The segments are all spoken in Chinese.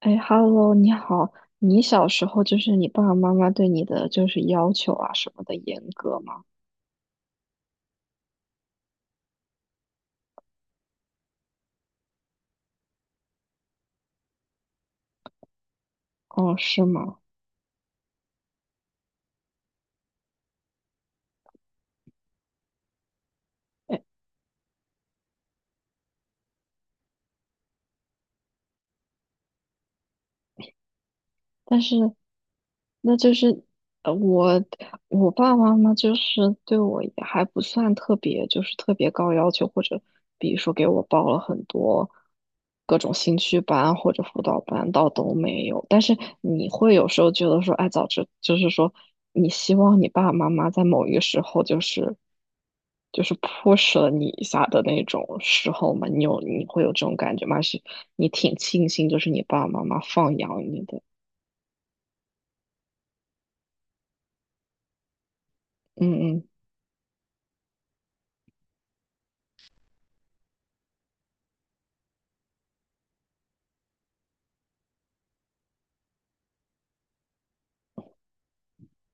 哎，Hello，你好。你小时候就是你爸爸妈妈对你的就是要求啊什么的严格吗？哦，是吗？但是那就是呃，我爸爸妈妈就是对我也还不算特别，就是特别高要求，或者比如说给我报了很多各种兴趣班或者辅导班，倒都没有。但是你会有时候觉得说，哎，早知就是说，你希望你爸爸妈妈在某一个时候就是 push 了你一下的那种时候嘛，你会有这种感觉吗？还是你挺庆幸就是你爸爸妈妈放养你的？嗯嗯。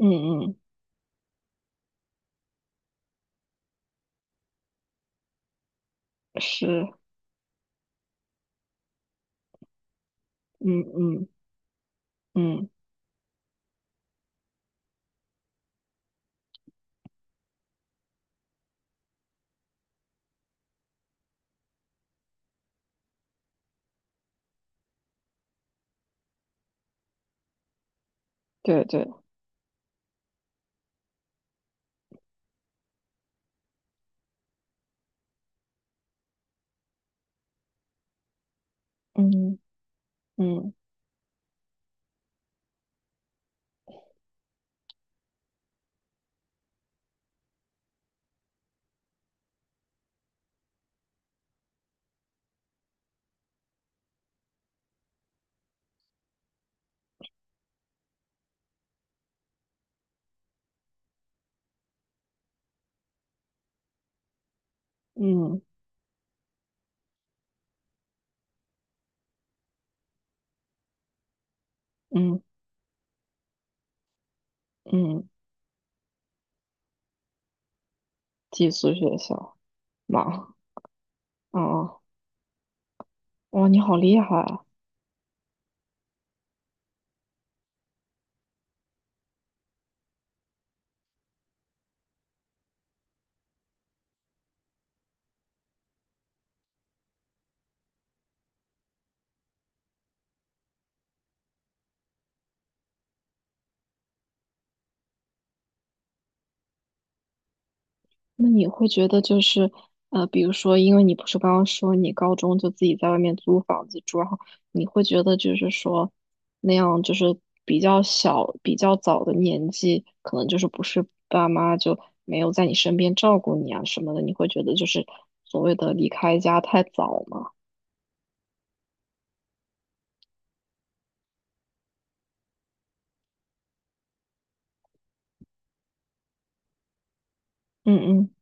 嗯嗯，是。嗯嗯嗯。对对。嗯嗯嗯嗯嗯。寄宿学校。妈，哦。哦。哇，你好厉害！那你会觉得就是，比如说，因为你不是刚刚说你高中就自己在外面租房子住，然后你会觉得就是说，那样就是比较小、比较早的年纪，可能就是不是爸妈就没有在你身边照顾你啊什么的，你会觉得就是所谓的离开家太早吗？嗯嗯。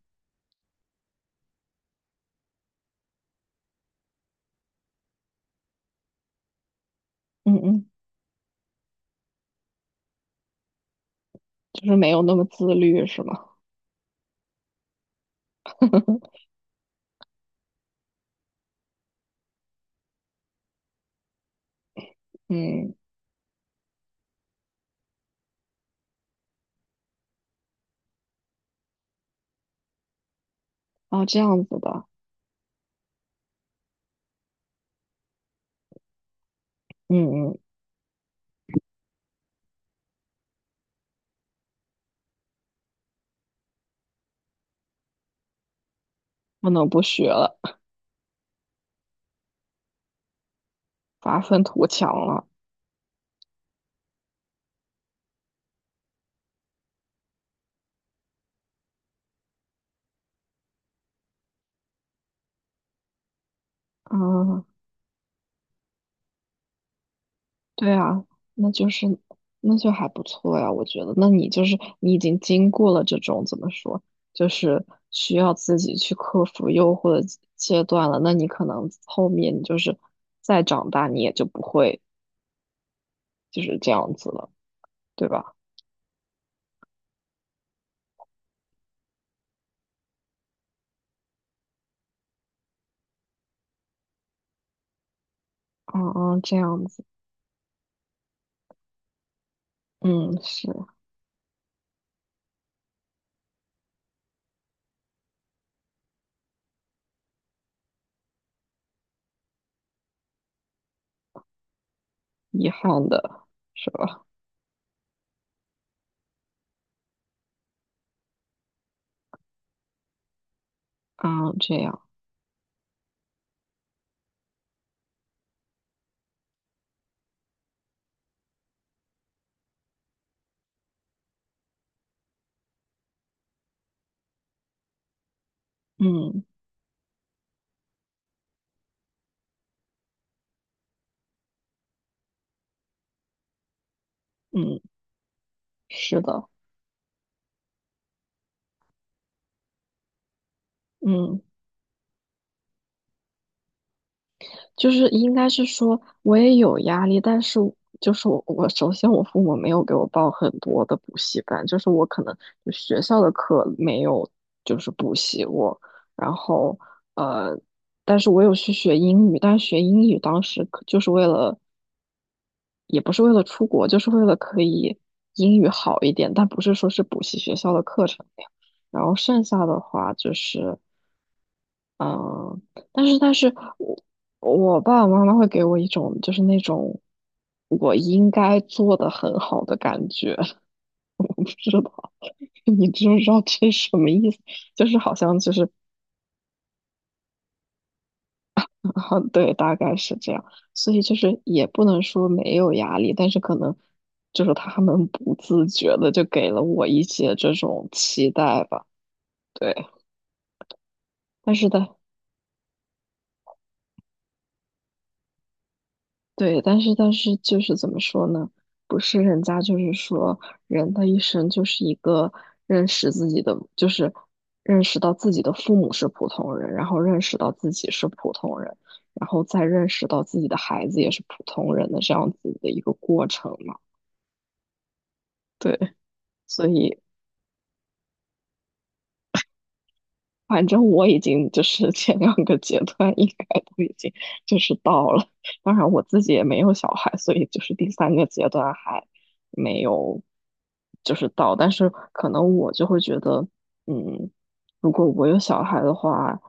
嗯嗯，就是没有那么自律是吗？嗯。哦，这样子的。嗯嗯。不能不学了。发愤图强了。啊。对啊，那就是那就还不错呀，我觉得。那你就是你已经经过了这种怎么说，就是需要自己去克服诱惑的阶段了。那你可能后面你就是再长大，你也就不会就是这样子了，对吧？嗯嗯，这样子。嗯，是，遗憾的，是吧？嗯，这样。嗯嗯，是的。嗯。就是应该是说，我也有压力，但是我首先我父母没有给我报很多的补习班，就是我可能就学校的课没有就是补习过，然后呃，但是我有去学英语，但是学英语当时可就是为了，也不是为了出国，就是为了可以英语好一点，但不是说是补习学校的课程那样。然后剩下的话就是。嗯，但是我爸爸妈妈会给我一种就是那种我应该做的很好的感觉，我不知道 你知不知道这是什么意思？就是好像就是啊。对，大概是这样，所以就是也不能说没有压力，但是可能就是他们不自觉的就给了我一些这种期待吧。对。但是但对，但是就是怎么说呢？不是人家就是说，人的一生就是一个认识自己的，就是认识到自己的父母是普通人，然后认识到自己是普通人，然后再认识到自己的孩子也是普通人的这样子的一个过程嘛。对。所以反正我已经就是 前两个阶段应该都已经就是到了，当然我自己也没有小孩，所以就是第三个阶段还没有就是到，但是可能我就会觉得，嗯，如果我有小孩的话，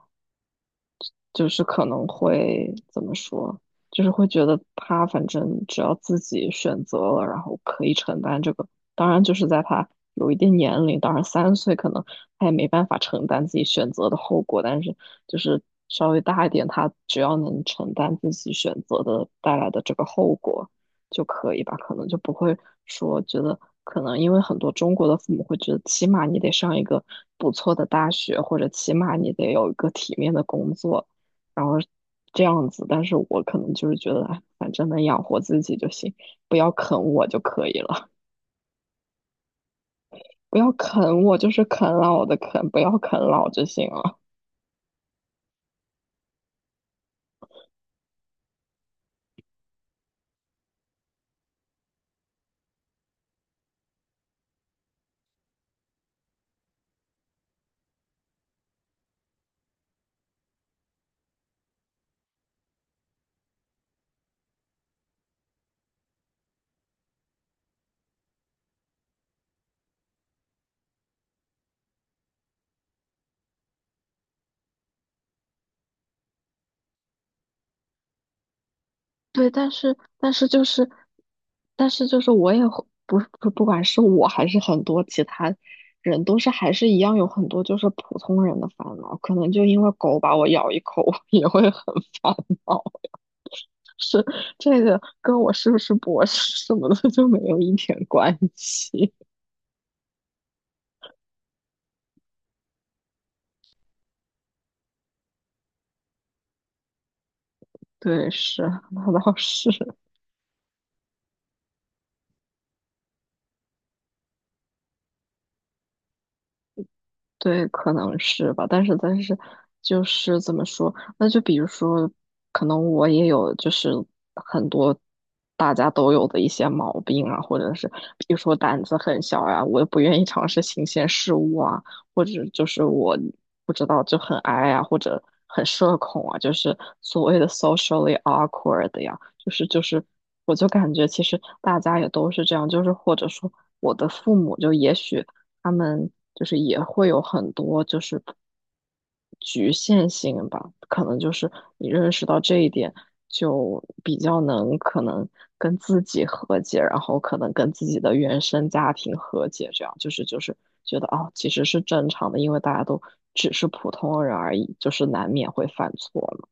就是可能会怎么说，就是会觉得他反正只要自己选择了，然后可以承担这个。当然，就是在他有一定年龄，当然三岁可能他也没办法承担自己选择的后果，但是就是稍微大一点，他只要能承担自己选择的带来的这个后果就可以吧，可能就不会说觉得。可能因为很多中国的父母会觉得，起码你得上一个不错的大学，或者起码你得有一个体面的工作，然后这样子，但是我可能就是觉得，哎反正能养活自己就行，不要啃我就可以了。不要啃我，就是啃老的啃，不要啃老就行了。对，但是我也会不管是我还是很多其他人，都是还是一样有很多就是普通人的烦恼，可能就因为狗把我咬一口，我也会很烦恼。是，这个跟我是不是博士什么的就没有一点关系。对，是，那倒是。对，可能是吧，但是就是怎么说？那就比如说，可能我也有就是很多大家都有的一些毛病啊，或者是比如说胆子很小呀、我也不愿意尝试新鲜事物啊，或者就是我不知道就很 i 呀、或者很社恐啊，就是所谓的 socially awkward 呀，就是就是，我就感觉其实大家也都是这样，就是或者说我的父母就也许。他们就是也会有很多就是局限性吧，可能就是你认识到这一点，就比较能可能跟自己和解，然后可能跟自己的原生家庭和解，这样就是就是觉得哦，其实是正常的，因为大家都只是普通人而已，就是难免会犯错嘛。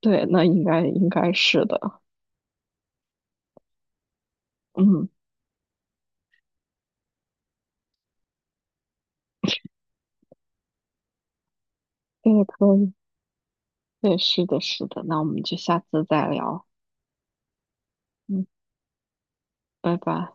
对，那应该应该是的。嗯。对，可以。对，是的，是的，那我们就下次再聊。嗯，拜拜。